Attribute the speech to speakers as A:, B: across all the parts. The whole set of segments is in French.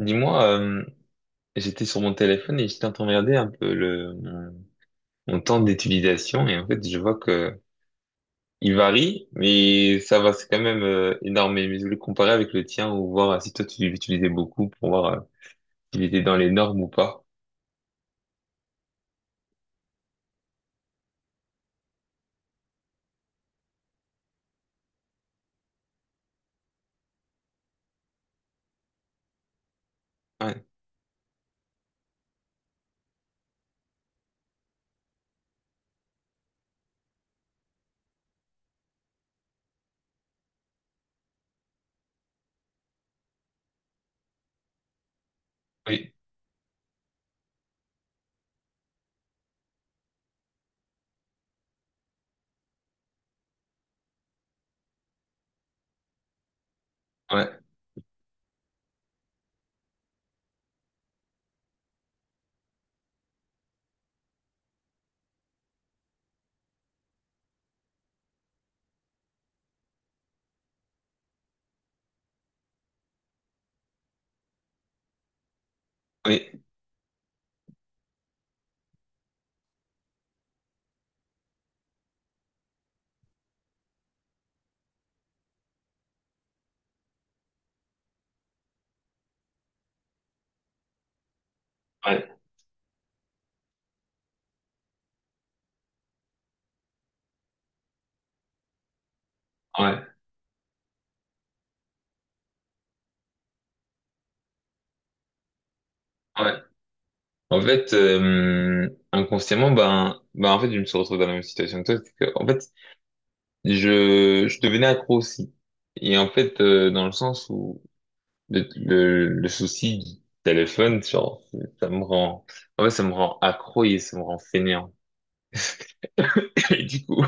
A: Dis-moi, euh, J'étais sur mon téléphone et j'étais en train de regarder un peu mon temps d'utilisation et en fait je vois que il varie, mais ça va, c'est quand même énorme. Mais je voulais comparer avec le tien ou voir si toi tu l'utilisais beaucoup pour voir s'il était dans les normes ou pas. Ouais, oui, ouais, oui, ouais, ouais, ouais. En fait, inconsciemment, ben en fait je me suis retrouvé dans la même situation que toi, c'est que en fait je devenais accro aussi. Et en fait, dans le sens où le souci du téléphone, genre, ça me rend, en fait, ça me rend accro et ça me rend fainéant. Et du coup,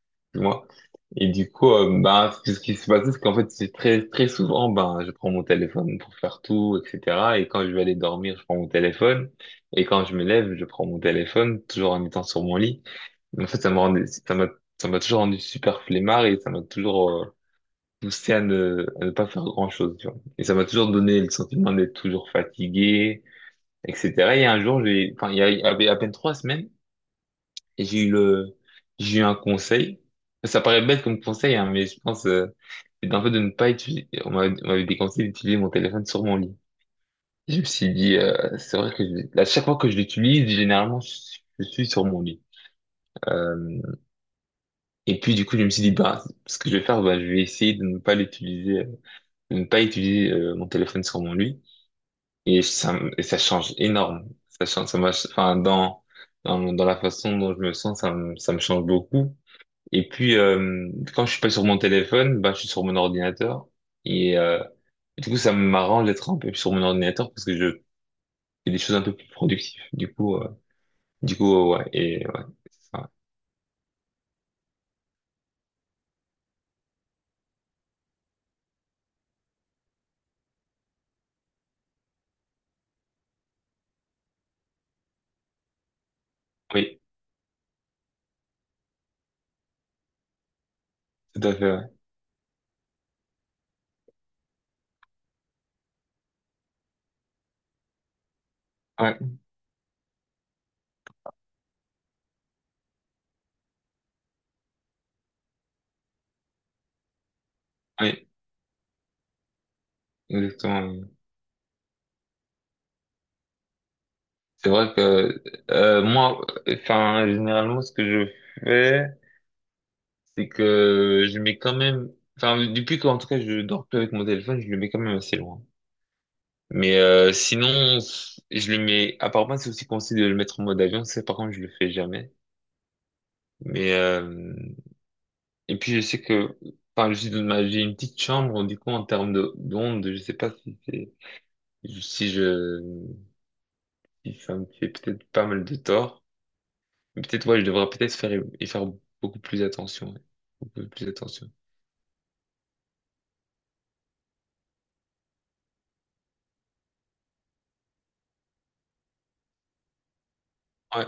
A: moi, et du coup, ben, ce qui se passe, c'est qu'en fait, c'est très, très souvent, ben, je prends mon téléphone pour faire tout, etc. Et quand je vais aller dormir, je prends mon téléphone. Et quand je me lève, je prends mon téléphone, toujours en étant sur mon lit. Mais en fait, ça m'a toujours rendu super flemmard et ça m'a toujours, poussé à ne pas faire grand-chose, tu vois. Et ça m'a toujours donné le sentiment d'être toujours fatigué, etc. Et un jour, j'ai, enfin, il y a- il y avait à peine 3 semaines, et j'ai eu un conseil. Ça paraît bête comme conseil, hein, mais je pense, c'est un peu de ne pas utiliser, on m'avait déconseillé d'utiliser mon téléphone sur mon lit. Et je me suis dit, c'est vrai que à chaque fois que je l'utilise, généralement, je suis sur mon lit. Euh, et puis, du coup, je me suis dit, bah, ce que je vais faire, bah, je vais essayer de ne pas l'utiliser, de ne pas utiliser, mon téléphone sur mon lit. Et et ça change énorme. Ça m'a, enfin, dans la façon dont je me sens, ça me change beaucoup. Et puis, quand je suis pas sur mon téléphone, bah je suis sur mon ordinateur. Et, du coup, ça m'arrange d'être un peu sur mon ordinateur parce que je fais des choses un peu plus productives. Du coup, ouais, et, ouais, c'est ça. Oui, tout à fait, ouais. Ouais, oui, exactement. Oui. C'est vrai que, moi, enfin, généralement, ce que je fais, c'est que je mets quand même, enfin, depuis qu'en tout cas je dors plus avec mon téléphone, je le mets quand même assez loin. Mais sinon, je le mets, apparemment c'est aussi conseillé de le mettre en mode avion, ça par contre je le fais jamais. Mais et puis je sais que, enfin je suis dans ma, j'ai une petite chambre, du coup en termes de d'ondes, je sais pas si c'est, si je, si ça me fait peut-être pas mal de tort. Mais peut-être ouais, je devrais peut-être faire beaucoup plus attention, ouais. Beaucoup plus attention. Ouais,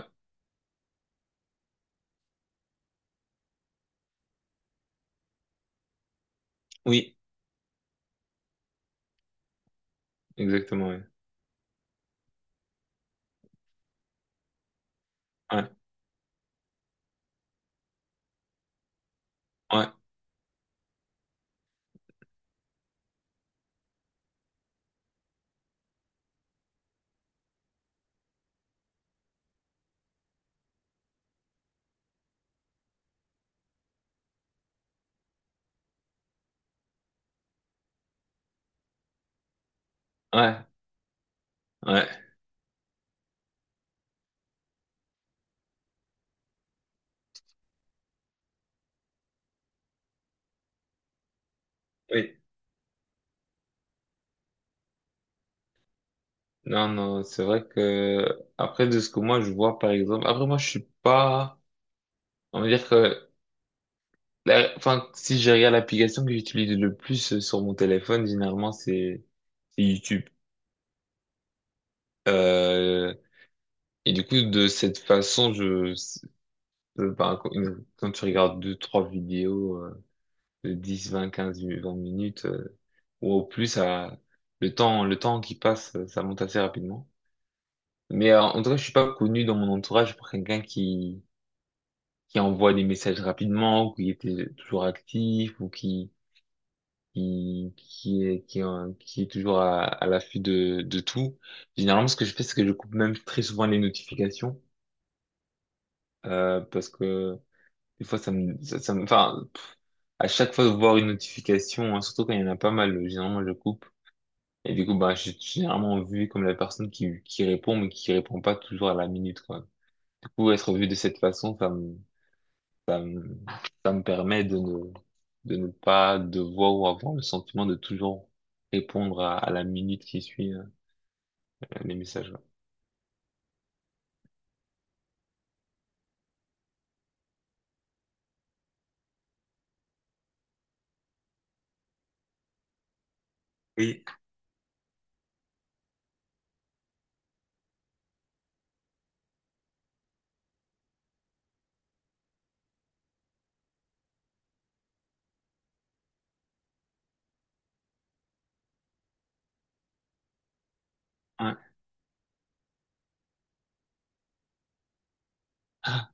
A: oui, exactement, ouais. Ouais, ouais, ouais. Ouais. Oui. Non, non, c'est vrai que après de ce que moi je vois par exemple, après moi je suis pas, on va dire que, enfin si je regarde l'application que j'utilise le plus sur mon téléphone, généralement c'est YouTube. Euh, et du coup de cette façon, ben, quand tu regardes 2 3 vidéos de 10, 20, 15, 20 minutes ou au plus, ça, le temps qui passe, ça monte assez rapidement. Mais en tout cas, je suis pas connu dans mon entourage pour quelqu'un qui envoie des messages rapidement, ou qui était toujours actif, ou qui est toujours à l'affût de tout. Généralement, ce que je fais, c'est que je coupe même très souvent les notifications, parce que des fois, ça me, ça me, enfin, à chaque fois de voir une notification, hein, surtout quand il y en a pas mal, généralement, je coupe. Et du coup, bah, je suis généralement vu comme la personne qui répond, mais qui répond pas toujours à la minute, quoi. Du coup, être vu de cette façon, Ça me, ça me permet de ne pas devoir ou avoir le sentiment de toujours répondre à la minute qui suit les messages. Ouais. Oui, ouais, ah,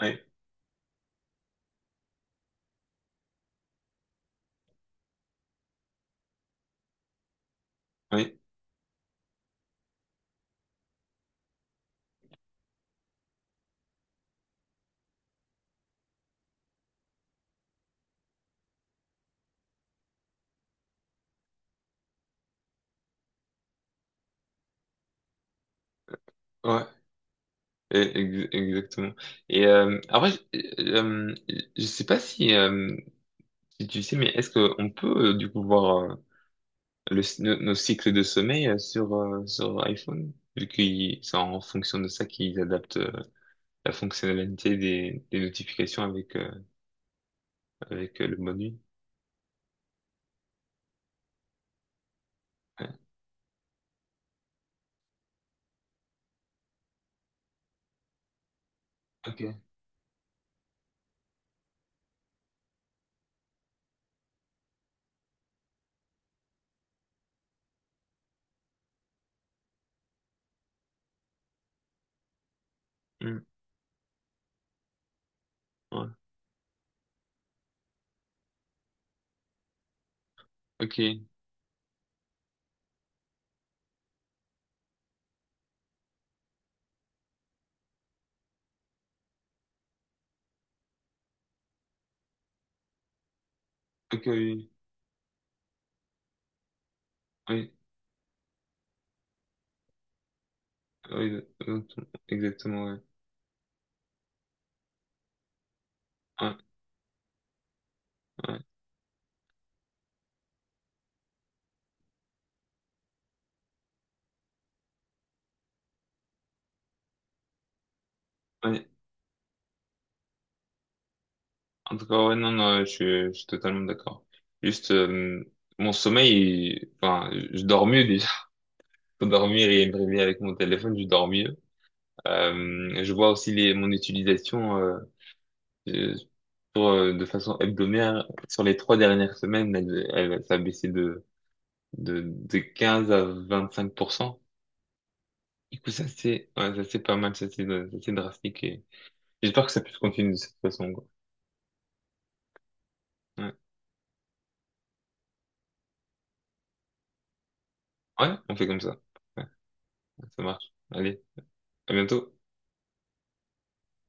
A: ouais, ouais, ouais, exactement. Et après, je sais pas si, si tu sais, mais est-ce qu'on peut du coup voir nos cycles de sommeil sur iPhone, vu que c'est en fonction de ça qu'ils adaptent la fonctionnalité des notifications avec, avec le mode nuit. Ouais. Ok. Mm. Ouais. Ok. Ok, oui. Oui. Oui, exactement, exactement, ouais. Ouais, ouais, ouais. En tout cas, ouais, non, non, je suis totalement d'accord. Juste, mon sommeil, enfin, je dors mieux déjà. Pour dormir et me réveiller avec mon téléphone, je dors mieux. Je vois aussi mon utilisation, Euh, sur, de façon hebdomadaire, sur les 3 dernières semaines, ça a baissé de 15 à 25%. Du coup, ça c'est, ouais, ça c'est pas mal, ça c'est drastique et j'espère que ça puisse continuer de cette façon, quoi. Ouais. Ouais, on fait comme ça. Ouais, ça marche. Allez, à bientôt.